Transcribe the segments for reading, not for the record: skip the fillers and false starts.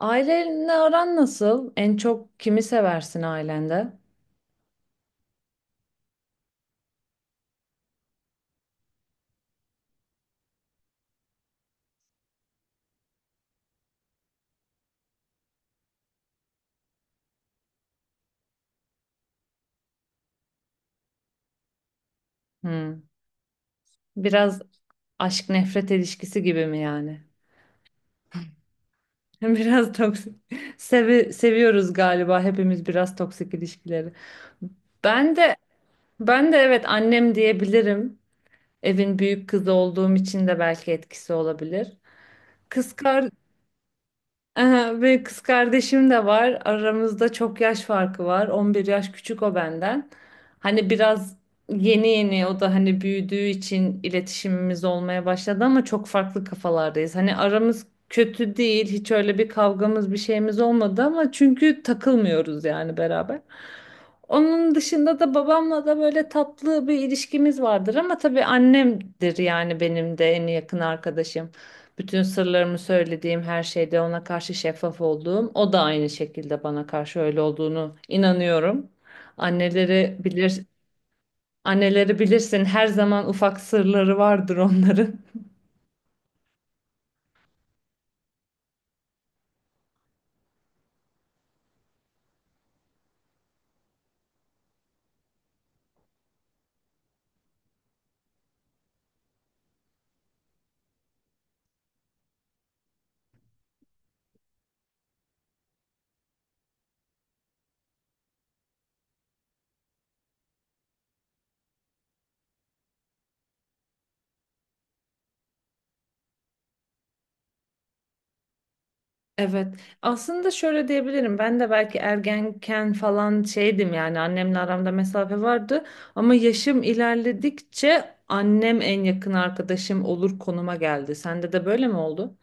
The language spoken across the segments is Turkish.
Ailenle aran nasıl? En çok kimi seversin ailende? Hmm. Biraz aşk nefret ilişkisi gibi mi yani? Biraz toksik. Seviyoruz galiba hepimiz biraz toksik ilişkileri. Ben de ben de evet annem diyebilirim. Evin büyük kızı olduğum için de belki etkisi olabilir. Kız kar Aha, ve kız kardeşim de var. Aramızda çok yaş farkı var. 11 yaş küçük o benden. Hani biraz yeni yeni o da hani büyüdüğü için iletişimimiz olmaya başladı ama çok farklı kafalardayız. Hani aramız kötü değil. Hiç öyle bir kavgamız bir şeyimiz olmadı ama çünkü takılmıyoruz yani beraber. Onun dışında da babamla da böyle tatlı bir ilişkimiz vardır ama tabii annemdir yani benim de en yakın arkadaşım. Bütün sırlarımı söylediğim her şeyde ona karşı şeffaf olduğum, o da aynı şekilde bana karşı öyle olduğunu inanıyorum. Anneleri bilir, anneleri bilirsin her zaman ufak sırları vardır onların. Evet, aslında şöyle diyebilirim. Ben de belki ergenken falan şeydim yani annemle aramda mesafe vardı ama yaşım ilerledikçe annem en yakın arkadaşım olur konuma geldi. Sende de böyle mi oldu?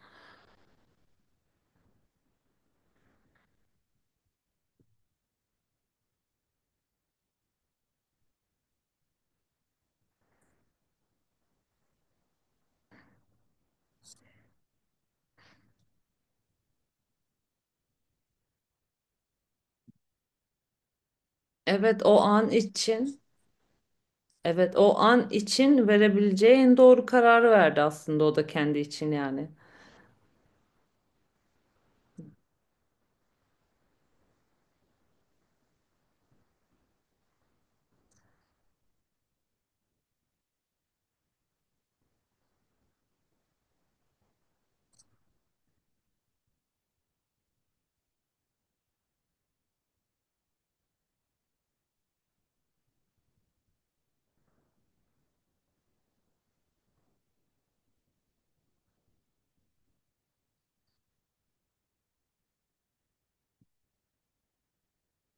Evet, o an için. Evet, o an için verebileceği en doğru kararı verdi aslında o da kendi için yani.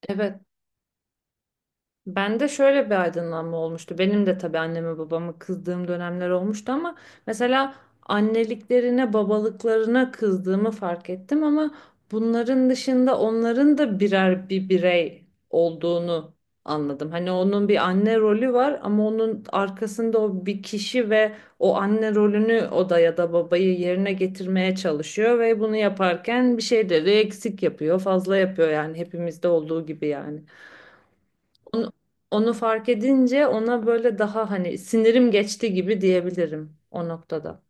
Evet. Bende şöyle bir aydınlanma olmuştu. Benim de tabii anneme babama kızdığım dönemler olmuştu ama mesela anneliklerine, babalıklarına kızdığımı fark ettim ama bunların dışında onların da birer birey olduğunu anladım. Hani onun bir anne rolü var ama onun arkasında o bir kişi ve o anne rolünü o da ya da babayı yerine getirmeye çalışıyor ve bunu yaparken bir şeyleri eksik yapıyor, fazla yapıyor yani hepimizde olduğu gibi yani. Onu, onu fark edince ona böyle daha hani sinirim geçti gibi diyebilirim o noktada.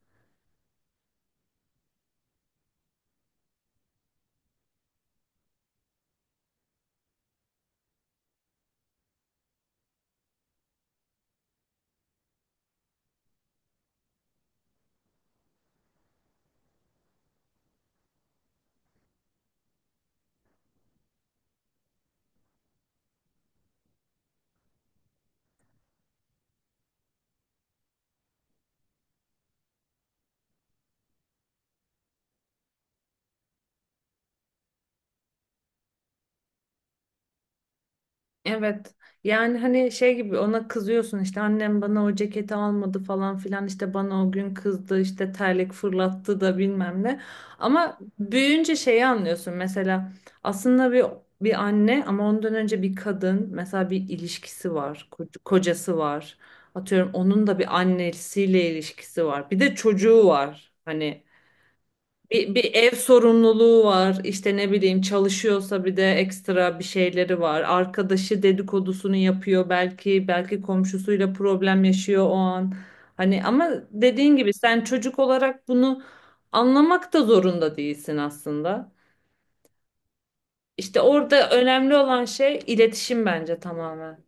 Evet. Yani hani şey gibi ona kızıyorsun işte annem bana o ceketi almadı falan filan işte bana o gün kızdı işte terlik fırlattı da bilmem ne. Ama büyüyünce şeyi anlıyorsun mesela aslında bir anne ama ondan önce bir kadın mesela bir ilişkisi var, kocası var. Atıyorum onun da bir annesiyle ilişkisi var. Bir de çocuğu var. Hani bir ev sorumluluğu var. İşte ne bileyim çalışıyorsa bir de ekstra bir şeyleri var. Arkadaşı dedikodusunu yapıyor belki, belki komşusuyla problem yaşıyor o an. Hani ama dediğin gibi sen çocuk olarak bunu anlamak da zorunda değilsin aslında. İşte orada önemli olan şey iletişim bence tamamen.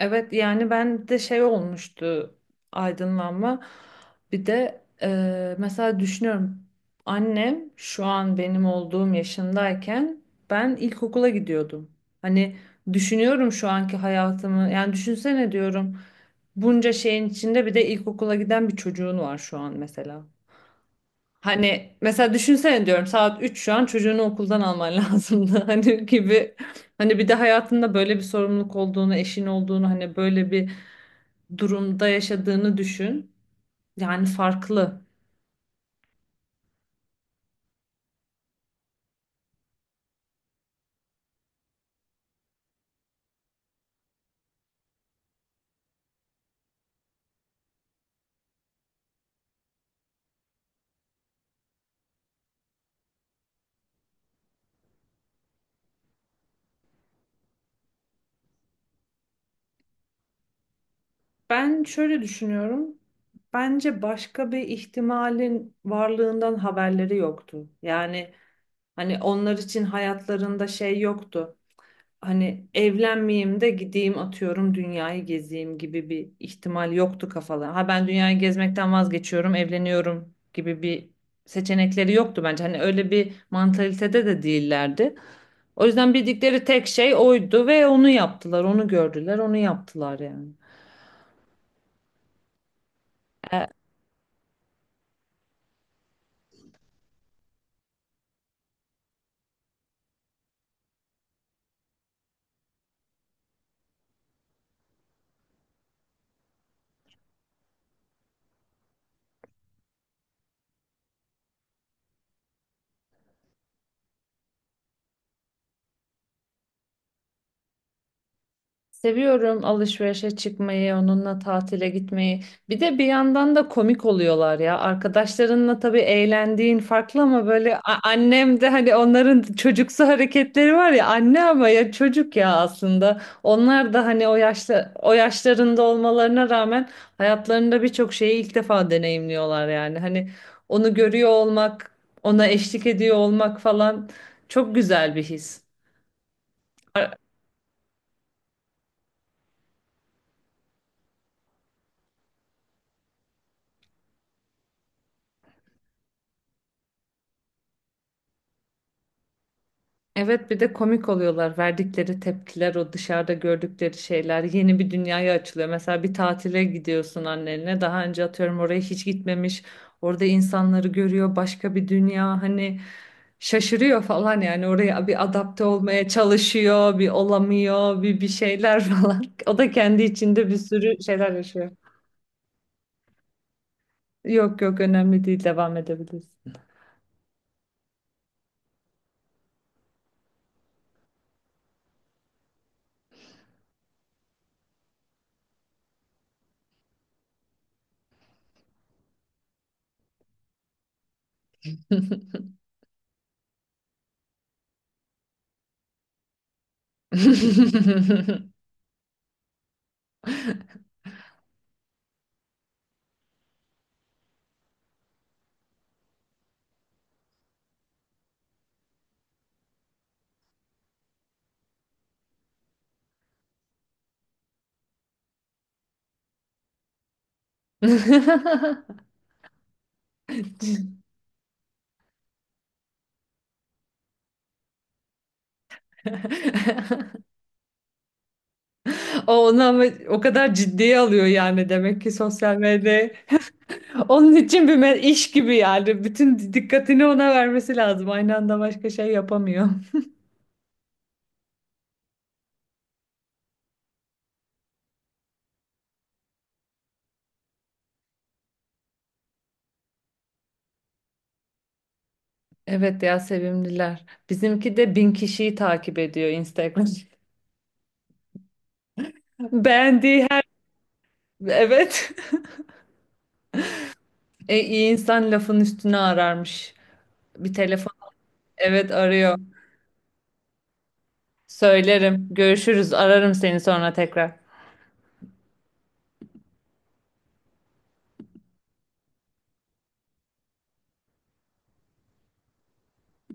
Evet yani ben de şey olmuştu aydınlanma. Bir de mesela düşünüyorum annem şu an benim olduğum yaşındayken ben ilkokula gidiyordum. Hani düşünüyorum şu anki hayatımı yani düşünsene diyorum bunca şeyin içinde bir de ilkokula giden bir çocuğun var şu an mesela. Hani mesela düşünsene diyorum saat 3 şu an çocuğunu okuldan alman lazımdı hani gibi. Hani bir de hayatında böyle bir sorumluluk olduğunu, eşin olduğunu, hani böyle bir durumda yaşadığını düşün. Yani farklı. Ben şöyle düşünüyorum. Bence başka bir ihtimalin varlığından haberleri yoktu. Yani hani onlar için hayatlarında şey yoktu. Hani evlenmeyeyim de gideyim atıyorum dünyayı gezeyim gibi bir ihtimal yoktu kafalarında. Ha ben dünyayı gezmekten vazgeçiyorum, evleniyorum gibi bir seçenekleri yoktu bence. Hani öyle bir mantalitede de değillerdi. O yüzden bildikleri tek şey oydu ve onu yaptılar, onu gördüler, onu yaptılar yani. E, Seviyorum alışverişe çıkmayı, onunla tatile gitmeyi. Bir de bir yandan da komik oluyorlar ya. Arkadaşlarınla tabii eğlendiğin farklı ama böyle annem de hani onların çocuksu hareketleri var ya anne ama ya çocuk ya aslında. Onlar da hani o yaşta o yaşlarında olmalarına rağmen hayatlarında birçok şeyi ilk defa deneyimliyorlar yani. Hani onu görüyor olmak, ona eşlik ediyor olmak falan çok güzel bir his. Evet bir de komik oluyorlar. Verdikleri tepkiler, o dışarıda gördükleri şeyler yeni bir dünyaya açılıyor. Mesela bir tatile gidiyorsun annenle. Daha önce atıyorum oraya hiç gitmemiş. Orada insanları görüyor, başka bir dünya. Hani şaşırıyor falan yani oraya bir adapte olmaya çalışıyor, bir olamıyor, bir şeyler falan. O da kendi içinde bir sürü şeyler yaşıyor. Yok yok önemli değil devam edebiliriz. O onu ama o kadar ciddiye alıyor yani demek ki sosyal medya onun için bir iş gibi yani bütün dikkatini ona vermesi lazım aynı anda başka şey yapamıyor. Evet ya sevimliler bizimki de 1.000 kişiyi takip ediyor Instagram beğendiği her evet iyi insan lafın üstüne ararmış bir telefon evet arıyor söylerim görüşürüz ararım seni sonra tekrar.